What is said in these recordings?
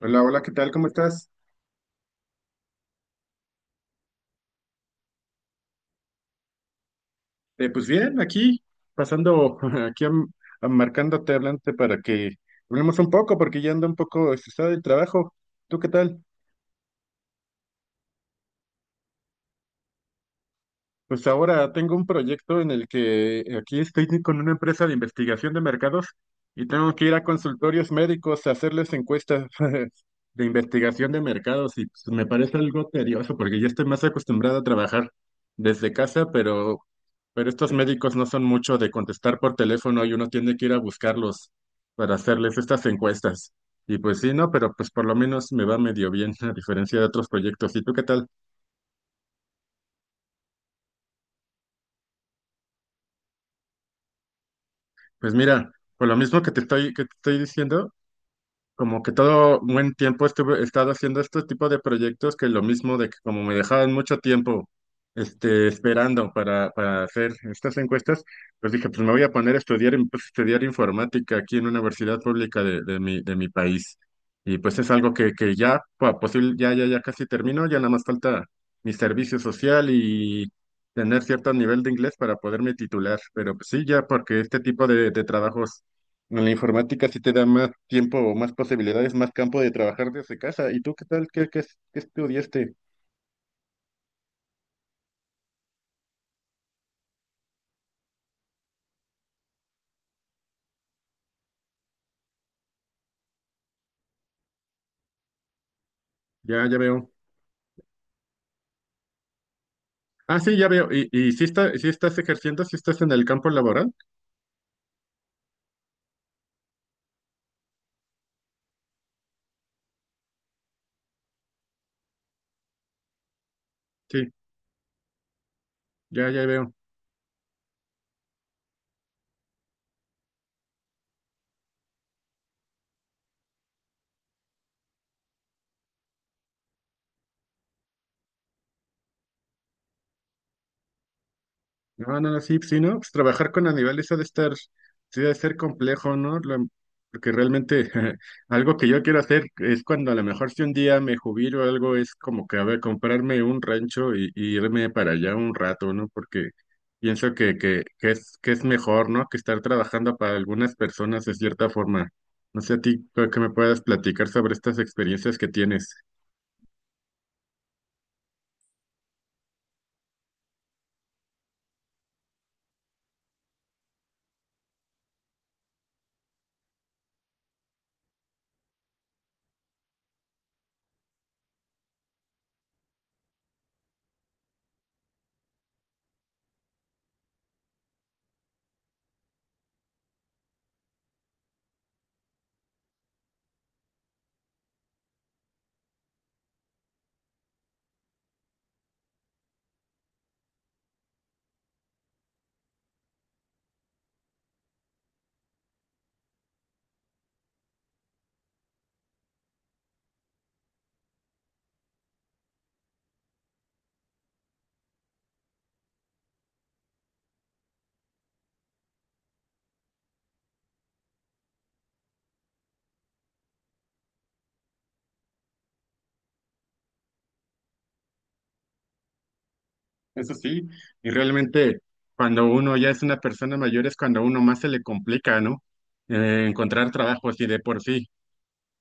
Hola, hola, ¿qué tal? ¿Cómo estás? Pues bien, aquí, pasando, aquí marcándote, hablándote para que hablemos un poco, porque ya ando un poco estresado del trabajo. ¿Tú qué tal? Pues ahora tengo un proyecto en el que aquí estoy con una empresa de investigación de mercados y tengo que ir a consultorios médicos a hacerles encuestas de investigación de mercados y pues, me parece algo tedioso porque ya estoy más acostumbrado a trabajar desde casa, pero estos médicos no son mucho de contestar por teléfono y uno tiene que ir a buscarlos para hacerles estas encuestas. Y pues sí, no, pero pues por lo menos me va medio bien a diferencia de otros proyectos. ¿Y tú qué tal? Pues mira, por lo mismo que te estoy diciendo, como que todo buen he estado haciendo este tipo de proyectos que lo mismo de que como me dejaban mucho tiempo este, esperando para hacer estas encuestas, pues dije, pues me voy a poner a estudiar, y me puse a estudiar informática aquí en una universidad pública de de mi país. Y pues es algo que ya, posible, ya casi termino, ya nada más falta mi servicio social y tener cierto nivel de inglés para poderme titular. Pero pues sí, ya porque este tipo de trabajos en la informática sí te da más tiempo o más posibilidades, más campo de trabajar desde casa. ¿Y tú qué tal? ¿ qué estudiaste? Ya, ya veo. Ah, sí, ya veo. ¿Y, sí estás ejerciendo? ¿Sí estás en el campo laboral? Sí, ya, ya veo. No, no, no, sí, sí, ¿no? Pues trabajar con animales ha de estar, sí, ha de ser complejo, ¿no? Porque realmente algo que yo quiero hacer es cuando a lo mejor si un día me jubilo o algo, es como que, a ver, comprarme un rancho y irme para allá un rato, ¿no? Porque pienso que es mejor, ¿no? Que estar trabajando para algunas personas de cierta forma. No sé a ti, creo que me puedas platicar sobre estas experiencias que tienes. Eso sí, y realmente cuando uno ya es una persona mayor es cuando a uno más se le complica, ¿no? Encontrar trabajo así de por sí,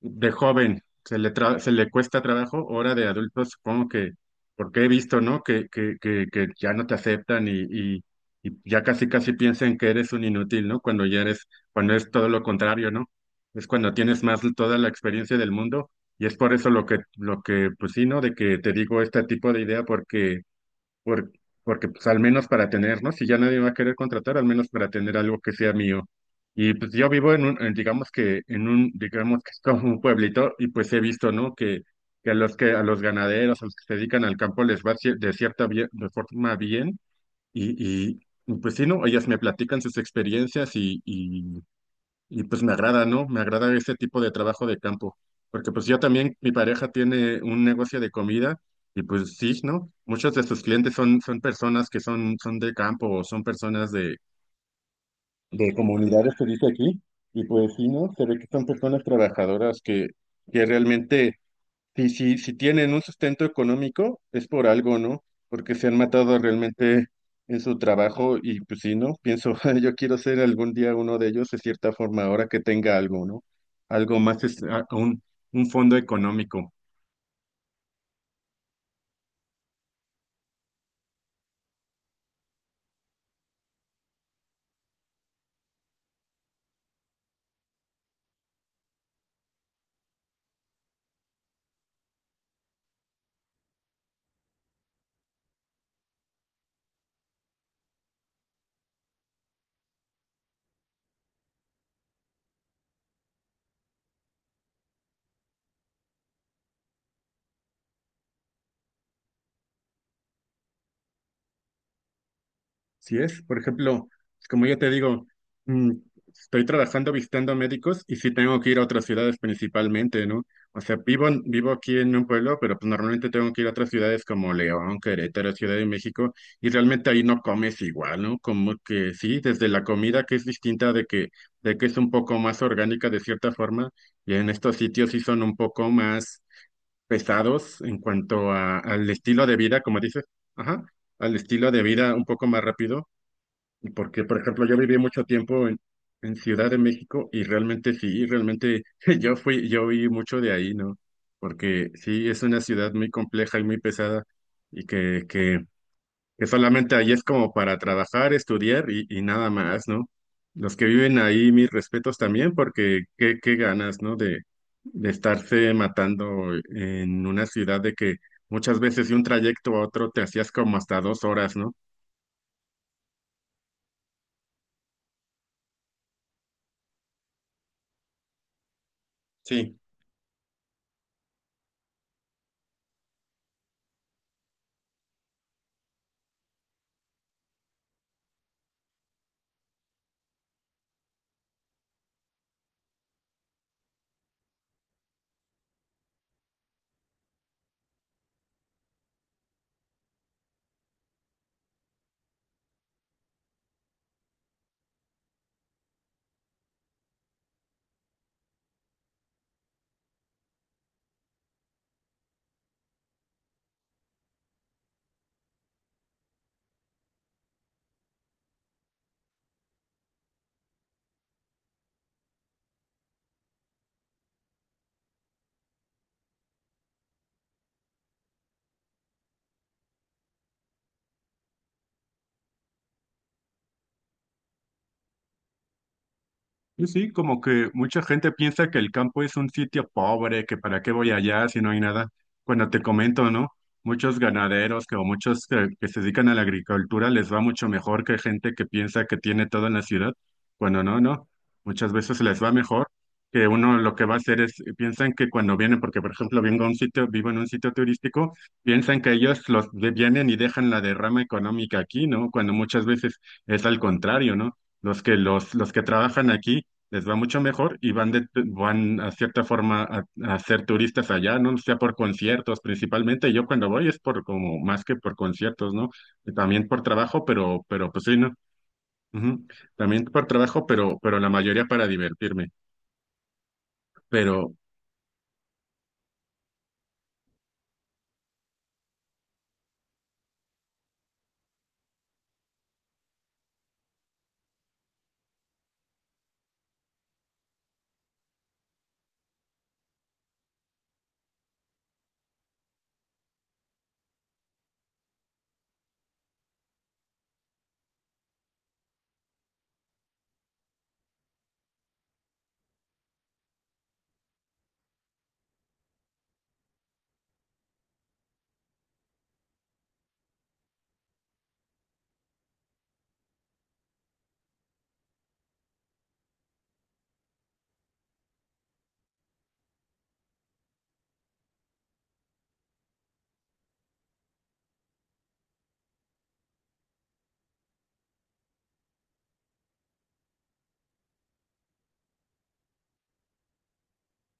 de joven, se le cuesta trabajo, ahora de adulto supongo que, porque he visto, ¿no? Que ya no te aceptan y, y ya casi casi piensan que eres un inútil, ¿no? Cuando ya eres, cuando es todo lo contrario, ¿no? Es cuando tienes más toda la experiencia del mundo y es por eso lo que, pues sí, ¿no? De que te digo este tipo de idea porque por- porque pues al menos para tener, ¿no? Si ya nadie va a querer contratar, al menos para tener algo que sea mío. Y pues yo vivo en digamos que en un, digamos que es como un pueblito y pues he visto, ¿no? Que a los que, a los ganaderos, a los que se dedican al campo les va de forma bien y, y y, pues sí, ¿no? Ellas me platican sus experiencias y pues me agrada, ¿no? Me agrada este tipo de trabajo de campo, porque pues yo también, mi pareja tiene un negocio de comida y pues sí, ¿no? Muchos de sus clientes son, son personas que son, son de campo o son personas de comunidades que dice aquí y pues sí, ¿no? Se ve que son personas trabajadoras que realmente si tienen un sustento económico, es por algo, ¿no? Porque se han matado realmente en su trabajo y pues sí, ¿no? Pienso, yo quiero ser algún día uno de ellos de cierta forma, ahora que tenga algo, ¿no? Algo más, un fondo económico. Si es, por ejemplo, como yo te digo, mm, estoy trabajando visitando médicos y sí tengo que ir a otras ciudades principalmente, ¿no? O sea, vivo aquí en un pueblo, pero pues normalmente tengo que ir a otras ciudades como León, Querétaro, Ciudad de México, y realmente ahí no comes igual, ¿no? Como que sí, desde la comida que es distinta de que es un poco más orgánica de cierta forma, y en estos sitios sí son un poco más pesados en cuanto al estilo de vida, como dices, ajá, al estilo de vida un poco más rápido. Porque, por ejemplo, yo viví mucho tiempo en Ciudad de México y realmente sí, realmente yo fui, yo vi mucho de ahí, ¿no? Porque sí, es una ciudad muy compleja y muy pesada y que solamente ahí es como para trabajar, estudiar y nada más, ¿no? Los que viven ahí, mis respetos también, porque qué ganas, ¿no? De estarse matando en una ciudad de que muchas veces de un trayecto a otro te hacías como hasta dos horas, ¿no? Sí. Sí, sí, como que mucha gente piensa que el campo es un sitio pobre, que para qué voy allá si no hay nada. Cuando te comento, ¿no? Muchos ganaderos que, o muchos que se dedican a la agricultura les va mucho mejor que gente que piensa que tiene todo en la ciudad. Cuando no, no. Muchas veces les va mejor que uno lo que va a hacer es, piensan que cuando vienen, porque por ejemplo vengo a un sitio, vivo en un sitio turístico, piensan que ellos vienen y dejan la derrama económica aquí, ¿no? Cuando muchas veces es al contrario, ¿no? Los que los que trabajan aquí les va mucho mejor van a cierta forma a ser turistas allá, ¿no? Sea por conciertos principalmente. Yo cuando voy es por como más que por conciertos, ¿no? También por trabajo, pero pues sí, ¿no? Ujú. También por trabajo, pero la mayoría para divertirme. Pero,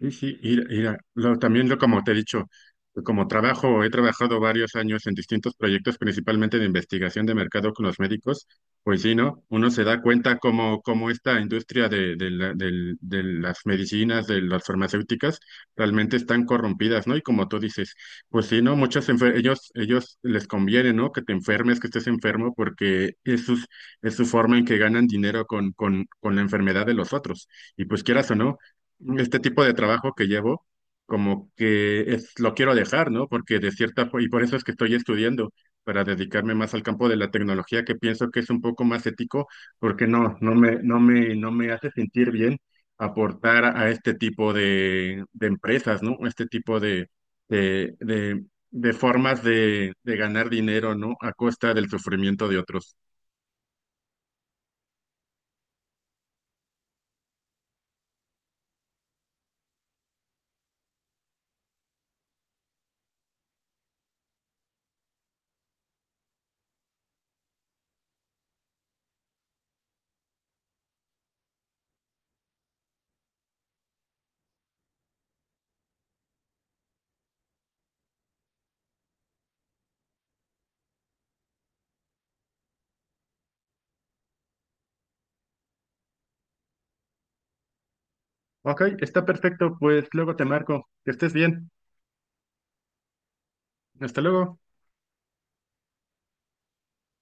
sí, sí, también lo, como te he dicho, como trabajo, he trabajado varios años en distintos proyectos, principalmente de investigación de mercado con los médicos, pues sí, ¿no? Uno se da cuenta como, como esta industria de las medicinas, de las farmacéuticas, realmente están corrompidas, ¿no? Y como tú dices, pues sí, ¿no? Ellos, ellos les conviene, ¿no? Que te enfermes, que estés enfermo, es su forma en que ganan dinero con la enfermedad de los otros. Y pues quieras o no este tipo de trabajo que llevo, como que es, lo quiero dejar, ¿no? Porque y por eso es que estoy estudiando, para dedicarme más al campo de la tecnología, que pienso que es un poco más ético, porque no me hace sentir bien aportar a este tipo de empresas, ¿no? Este tipo de, de, de formas de ganar dinero, ¿no? A costa del sufrimiento de otros. Ok, está perfecto, pues luego te marco. Que estés bien. Hasta luego.